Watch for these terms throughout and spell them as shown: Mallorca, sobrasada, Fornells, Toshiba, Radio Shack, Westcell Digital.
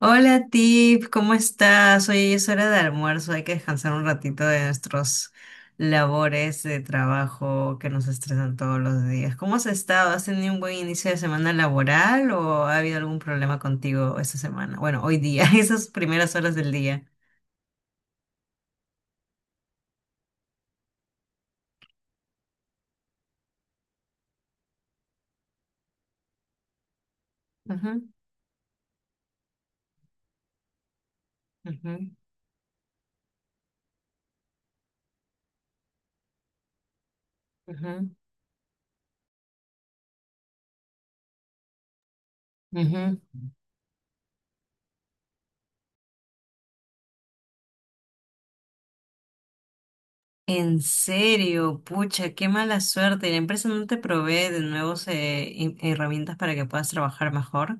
Hola Tip, ¿cómo estás? Oye, es hora de almuerzo, hay que descansar un ratito de nuestros labores de trabajo que nos estresan todos los días. ¿Cómo has estado? ¿Has tenido un buen inicio de semana laboral o ha habido algún problema contigo esta semana? Bueno, hoy día, esas primeras horas del día. Ujú, ujú, ujú, ujú. En serio, pucha, qué mala suerte. La empresa no te provee de nuevos herramientas para que puedas trabajar mejor.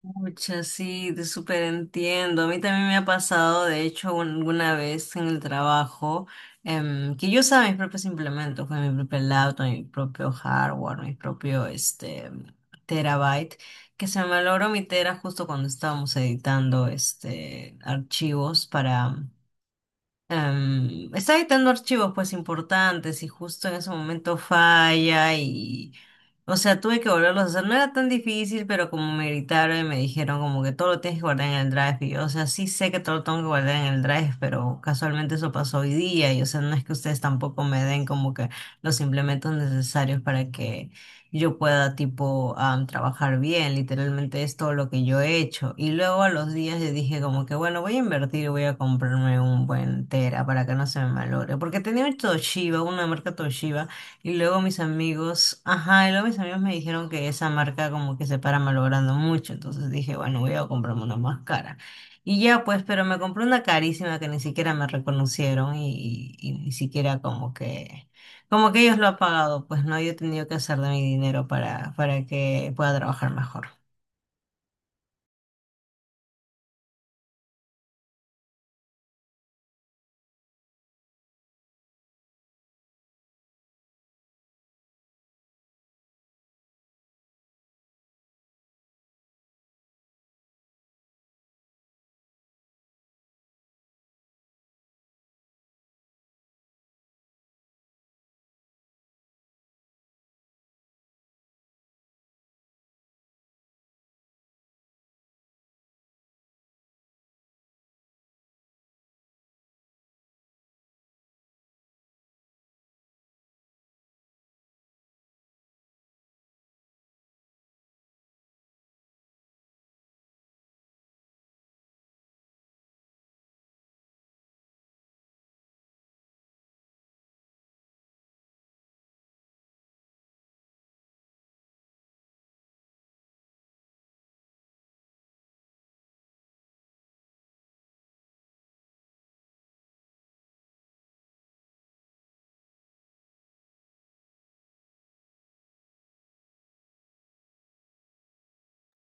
Muchas, sí, te súper entiendo. A mí también me ha pasado, de hecho, alguna vez en el trabajo, que yo usaba mis propios implementos, con mi propio laptop, mi propio hardware, mi propio este, terabyte, que se me malogró mi tera justo cuando estábamos editando este, archivos. Está editando archivos pues importantes y justo en ese momento falla y, o sea, tuve que volverlos a hacer. No era tan difícil, pero como me gritaron y me dijeron como que todo lo tienes que guardar en el drive. Y yo, o sea, sí sé que todo lo tengo que guardar en el drive, pero casualmente eso pasó hoy día y, o sea, no es que ustedes tampoco me den como que los implementos necesarios para que yo pueda tipo trabajar bien, literalmente es todo lo que yo he hecho. Y luego a los días yo dije como que bueno, voy a invertir, voy a comprarme un buen Tera para que no se me malogre, porque tenía un Toshiba, una marca Toshiba, y luego mis amigos, ajá, y luego mis amigos me dijeron que esa marca como que se para malogrando mucho, entonces dije bueno, voy a comprarme una más cara. Y ya pues, pero me compré una carísima que ni siquiera me reconocieron y ni siquiera como que ellos lo han pagado, pues no, yo he tenido que hacer de mi dinero para que pueda trabajar mejor.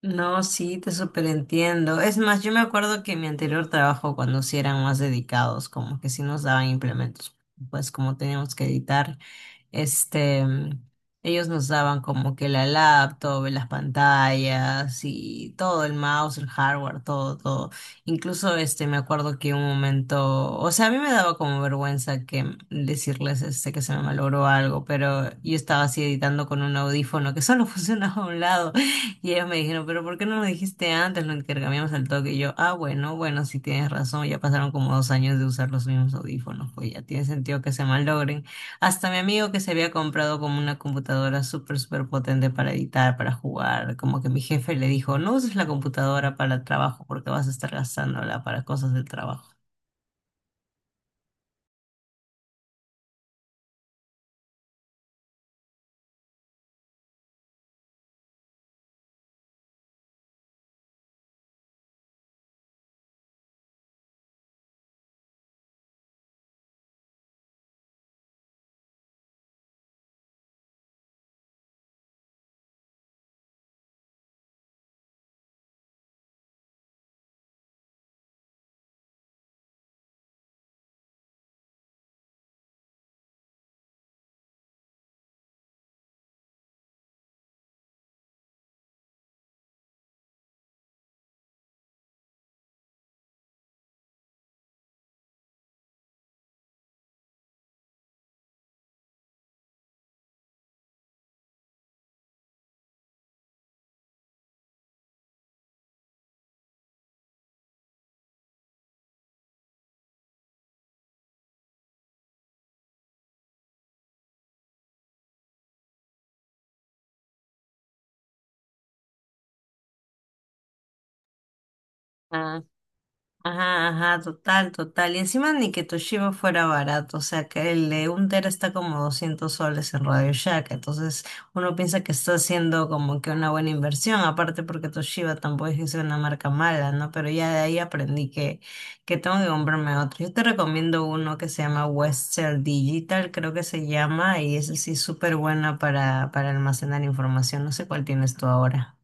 No, sí, te superentiendo. Es más, yo me acuerdo que en mi anterior trabajo, cuando sí eran más dedicados, como que sí nos daban implementos, pues como teníamos que editar. Este, ellos nos daban como que la laptop, las pantallas y todo, el mouse, el hardware, todo, todo. Incluso este, me acuerdo que un momento, o sea, a mí me daba como vergüenza que decirles este, que se me malogró algo, pero yo estaba así editando con un audífono que solo funcionaba a un lado y ellos me dijeron, pero ¿por qué no lo dijiste antes? Lo intercambiamos al toque y yo, ah, bueno, bueno, sí tienes razón, ya pasaron como 2 años de usar los mismos audífonos, pues ya tiene sentido que se malogren. Hasta mi amigo que se había comprado como una computadora súper, súper potente para editar, para jugar, como que mi jefe le dijo, no uses la computadora para trabajo porque vas a estar gastándola para cosas del trabajo. Ajá, ajá, total, total. Y encima ni que Toshiba fuera barato, o sea que el de un tera está como 200 soles en Radio Shack, entonces uno piensa que está haciendo como que una buena inversión, aparte porque Toshiba tampoco es que sea una marca mala, ¿no? Pero ya de ahí aprendí que tengo que comprarme otro. Yo te recomiendo uno que se llama Westcell Digital, creo que se llama, y ese sí es súper buena para almacenar información, no sé cuál tienes tú ahora.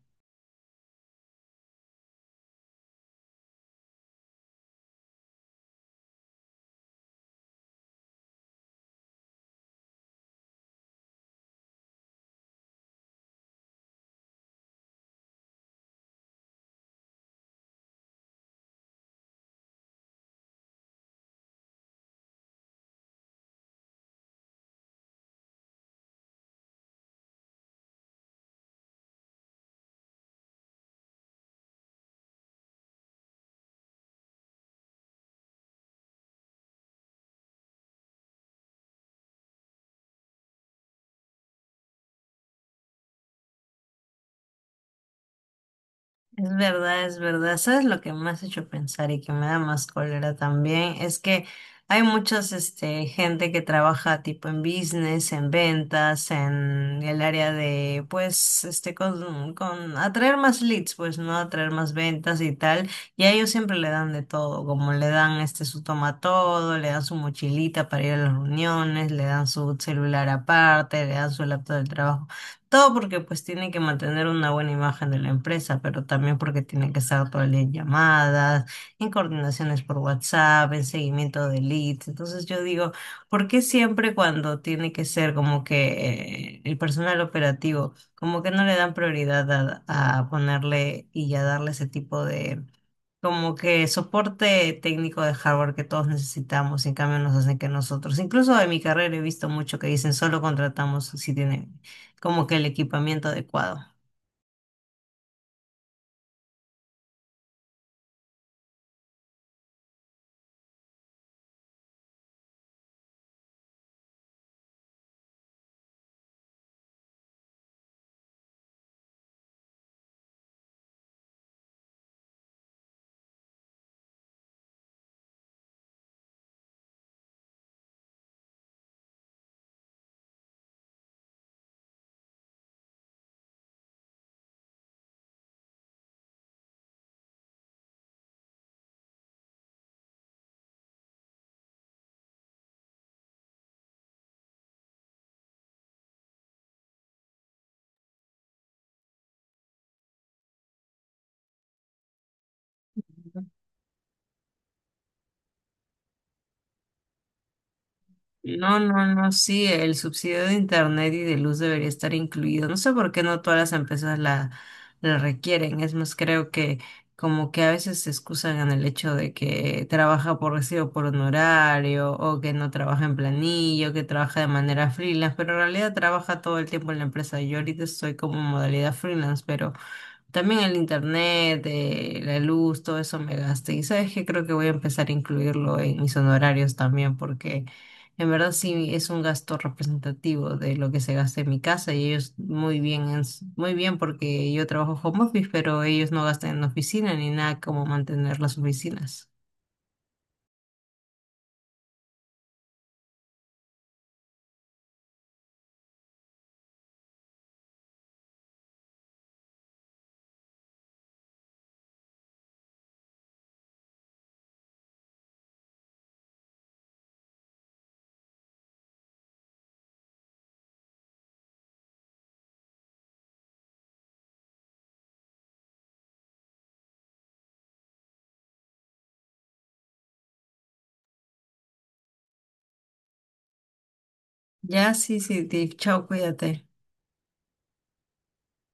Es verdad, es verdad. ¿Sabes lo que me has hecho pensar y que me da más cólera también? Es que hay muchas este, gente que trabaja tipo en business, en ventas, en el área de, pues, este, con atraer más leads, pues, ¿no? Atraer más ventas y tal. Y a ellos siempre le dan de todo, como le dan este, su toma todo, le dan su mochilita para ir a las reuniones, le dan su celular aparte, le dan su laptop del trabajo. Todo porque pues tiene que mantener una buena imagen de la empresa, pero también porque tiene que estar todo el día en llamadas, en coordinaciones por WhatsApp, en seguimiento de leads. Entonces yo digo, ¿por qué siempre cuando tiene que ser como que el personal operativo, como que no le dan prioridad a ponerle y a darle ese tipo de como que soporte técnico de hardware que todos necesitamos, y en cambio nos hacen que nosotros, incluso en mi carrera he visto mucho que dicen solo contratamos si tienen como que el equipamiento adecuado. No, no, no, sí, el subsidio de internet y de luz debería estar incluido. No sé por qué no todas las empresas la, la requieren. Es más, creo que como que a veces se excusan en el hecho de que trabaja por recibo por honorario o que no trabaja en planillo, que trabaja de manera freelance, pero en realidad trabaja todo el tiempo en la empresa. Yo ahorita estoy como en modalidad freelance, pero también el internet, la luz, todo eso me gasta. Y sabes que creo que voy a empezar a incluirlo en mis honorarios también, porque en verdad sí es un gasto representativo de lo que se gasta en mi casa y ellos muy bien, muy bien porque yo trabajo home office, pero ellos no gastan en oficina ni nada como mantener las oficinas. Ya, sí, sí, Tiff, chao, cuídate.